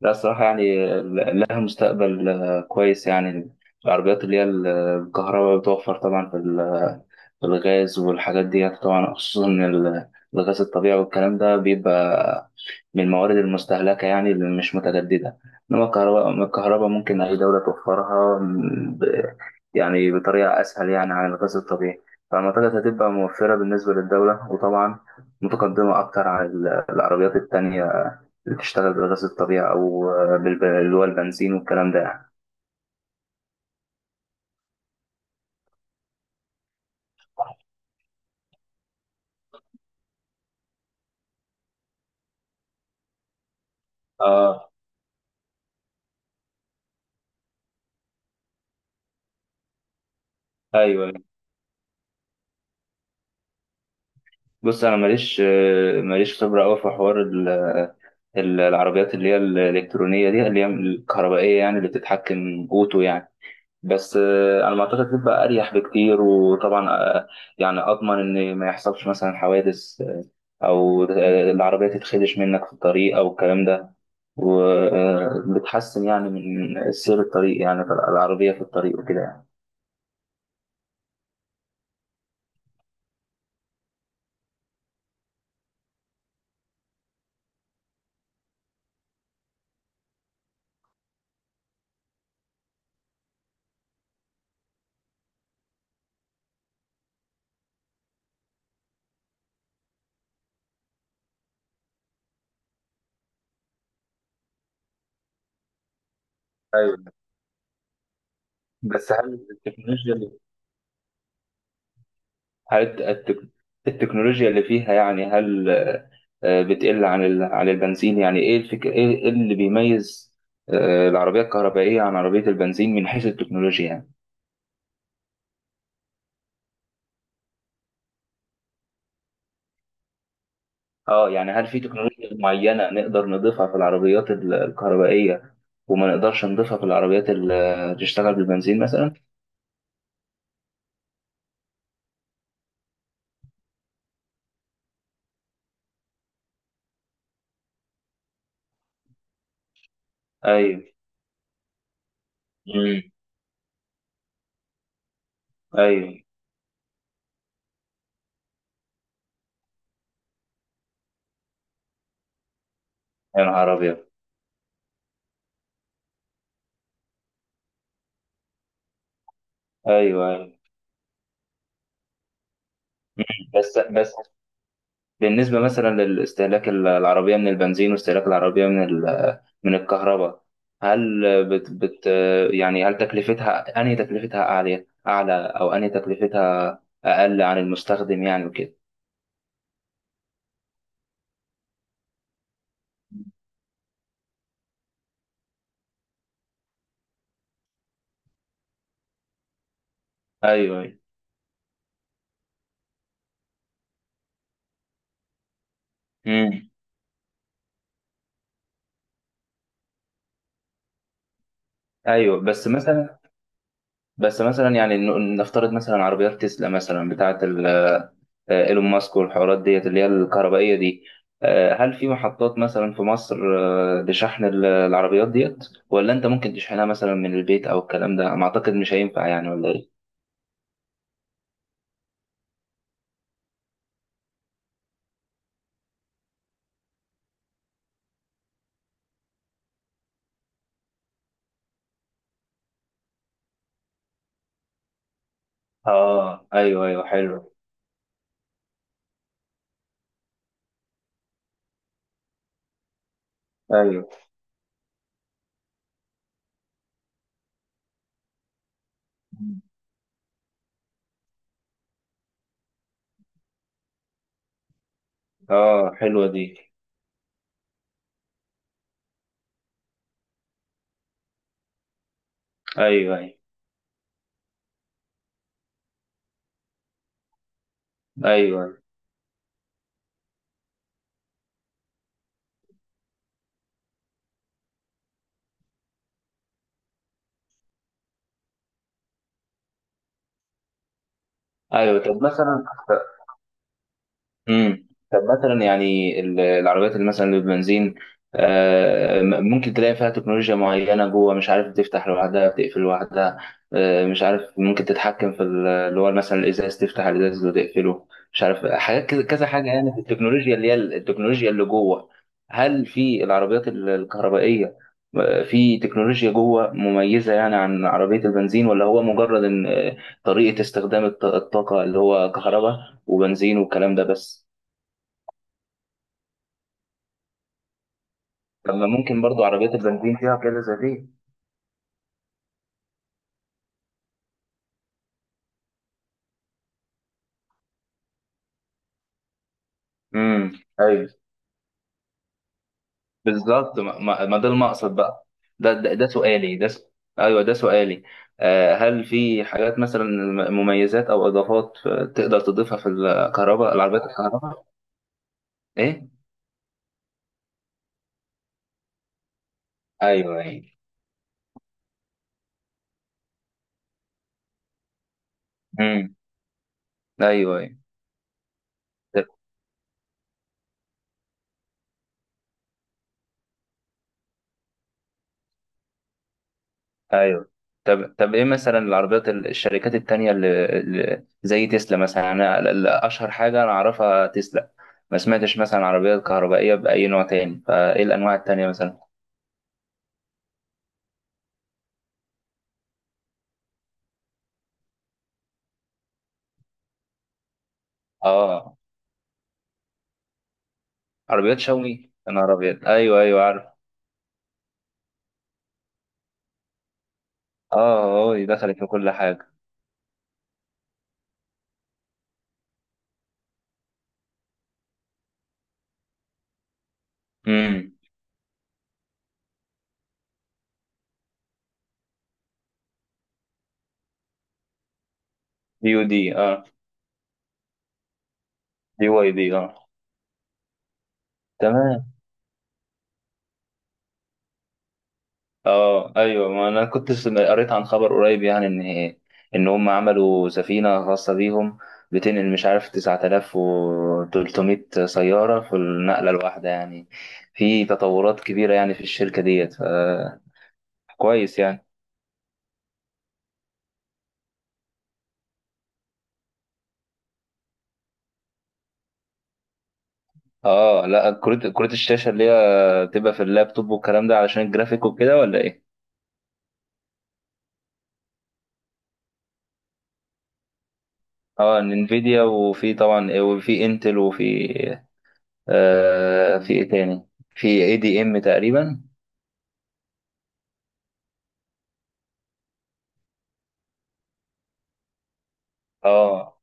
لا الصراحة لها مستقبل كويس يعني. العربيات الكهرباء بتوفر طبعا في الغاز والحاجات دي طبعا خصوصا الغاز الطبيعي والكلام ده بيبقى من الموارد المستهلكة يعني اللي مش متجددة، إنما الكهرباء ممكن أي دولة توفرها يعني بطريقة أسهل يعني عن الغاز الطبيعي. فأعتقد هتبقى موفرة بالنسبة للدولة، وطبعا متقدمة أكتر العربيات التانية بتشتغل بالغاز الطبيعي او اللي هو البنزين والكلام ده يعني. اه ايوه، بص انا ماليش خبره قوي في حوار العربيات اللي هي الالكترونيه دي اللي هي الكهربائيه يعني اللي بتتحكم اوتو يعني. بس على ما اعتقد بتبقى اريح بكتير، وطبعا يعني اضمن ان ما يحصلش مثلا حوادث، او العربيه تتخدش منك في الطريق او الكلام ده، وبتحسن يعني من سير الطريق يعني العربيه في الطريق وكده يعني. ايوه. بس هل التكنولوجيا اللي هل التك- التكنولوجيا اللي فيها يعني، هل بتقل عن البنزين؟ يعني ايه الفكر، ايه إيه اللي بيميز العربيه الكهربائيه عن عربيه البنزين من حيث التكنولوجيا يعني؟ اه يعني هل في تكنولوجيا معينه نقدر نضيفها في العربيات الكهربائيه، وما نقدرش نضيفها في العربيات اللي تشتغل بالبنزين مثلا؟ ايوه. امم. ايوه. يا نهار ابيض. ايوه، أيوة. بس بالنسبة مثلا للاستهلاك العربية من البنزين واستهلاك العربية من الكهرباء، هل بت يعني هل تكلفتها، أنهي تكلفتها أعلى؟ أو أنهي تكلفتها أقل عن المستخدم يعني وكده؟ أيوه، أيوه. مم. أيوه. بس مثلا يعني نفترض مثلا عربيات تسلا مثلا بتاعة ايلون ماسك والحوارات ديت اللي هي الكهربائية دي، هل في محطات مثلا في مصر لشحن العربيات ديت؟ ولا انت ممكن تشحنها مثلا من البيت او الكلام ده؟ ما اعتقد مش هينفع يعني، ولا ايه؟ اه ايوه، ايوه حلو. ايوه. اه، حلوة دي. ايوه ايوه. ايوه ايوه. طب مثلا، امم، طب مثلا يعني العربيات اللي مثلا اللي بالبنزين، ممكن تلاقي فيها تكنولوجيا معينة جوه، مش عارف بتفتح لوحدها بتقفل لوحدها، مش عارف ممكن تتحكم اللي هو مثلا الإزاز، تفتح الإزاز وتقفله، مش عارف حاجات كده، كذا حاجة يعني في التكنولوجيا التكنولوجيا اللي جوه. هل في العربيات الكهربائية في تكنولوجيا جوه مميزة يعني عن عربية البنزين، ولا هو مجرد إن طريقة استخدام الطاقة اللي هو كهرباء وبنزين والكلام ده بس؟ لما ممكن برضو عربيات البنزين فيها كده زي دي. امم. ايوه بالظبط. ما ده المقصد بقى. ده ده, ده سؤالي ده س... ايوه ده سؤالي. آه، هل في حاجات مثلا، مميزات او اضافات تقدر تضيفها في الكهرباء العربيات الكهرباء؟ ايه. ايوه ايوه. امم. ايوه ايوه. ايوه. طب ايه مثلا العربيات الشركات التانية اللي زي تسلا مثلا؟ انا اشهر حاجة انا اعرفها تسلا، ما سمعتش مثلا عربيات كهربائية بأي نوع تاني. فايه الانواع التانية مثلا؟ اه. عربيات شاومي؟ انا عربيات، ايوه ايوه عارف. اه اه، دخلت في كل حاجة. امم. دي ودي، اه. دي واي دي، اه. تمام. اه ايوه. ما انا كنت قريت عن خبر قريب يعني، ان هم عملوا سفينه خاصه بيهم بتنقل مش عارف 9,300 سياره في النقله الواحده يعني. في تطورات كبيره يعني في الشركه ديت، فكويس يعني. اه لا، كروت الشاشه اللي هي تبقى في اللابتوب والكلام ده علشان الجرافيك وكده، ولا ايه؟ اه انفيديا، وفي طبعا وفي انتل، وفي في ايه تاني، في اي دي ام تقريبا. اه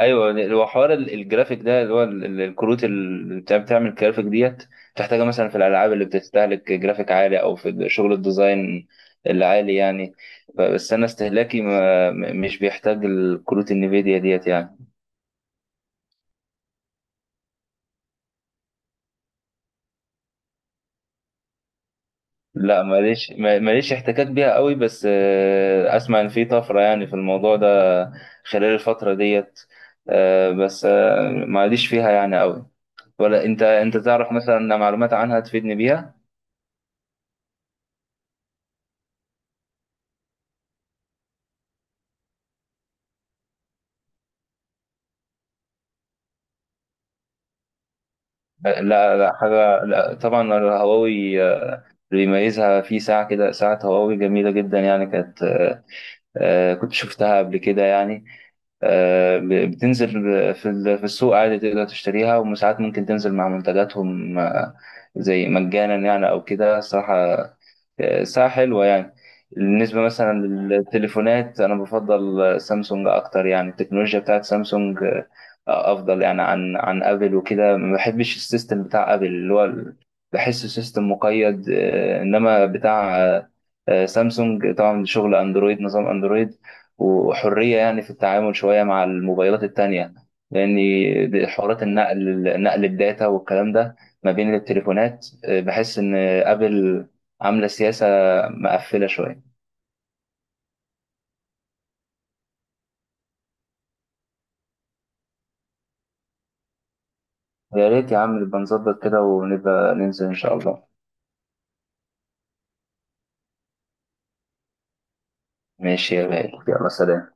ايوه. هو حوار الجرافيك ده اللي هو الكروت اللي بتعمل الجرافيك ديت، بتحتاجها مثلا في الالعاب اللي بتستهلك جرافيك عالي او في شغل الديزاين العالي يعني. بس انا استهلاكي ما م- مش بيحتاج الكروت النفيديا ديت يعني. لا ماليش، ماليش احتكاك بيها قوي، بس اسمع ان في طفره يعني في الموضوع ده خلال الفتره ديت، بس ما عاديش فيها يعني قوي. ولا انت، تعرف مثلا معلومات عنها تفيدني بيها؟ لا لا حاجة. لا طبعا الهواوي، اللي بيميزها في ساعة، كده ساعة هواوي جميلة جدا يعني، كانت كنت شفتها قبل كده يعني، بتنزل في السوق عادي تقدر تشتريها، وساعات ممكن تنزل مع منتجاتهم زي مجانا يعني أو كده الصراحة. ساعة حلوة يعني. بالنسبة مثلا للتليفونات، أنا بفضل سامسونج أكتر يعني. التكنولوجيا بتاعت سامسونج أفضل يعني عن أبل وكده. ما بحبش السيستم بتاع أبل بحسه سيستم مقيد، إنما بتاع سامسونج طبعا شغل أندرويد، نظام أندرويد وحرية يعني في التعامل شوية مع الموبايلات التانية. لأن حوارات النقل، نقل الداتا والكلام ده ما بين التليفونات، بحس إن أبل عاملة سياسة مقفلة شوية. يا ريت يا عم، نبقى نظبط كده ونبقى ننزل إن شاء الله. ماشي يا غالي، يلا سلام.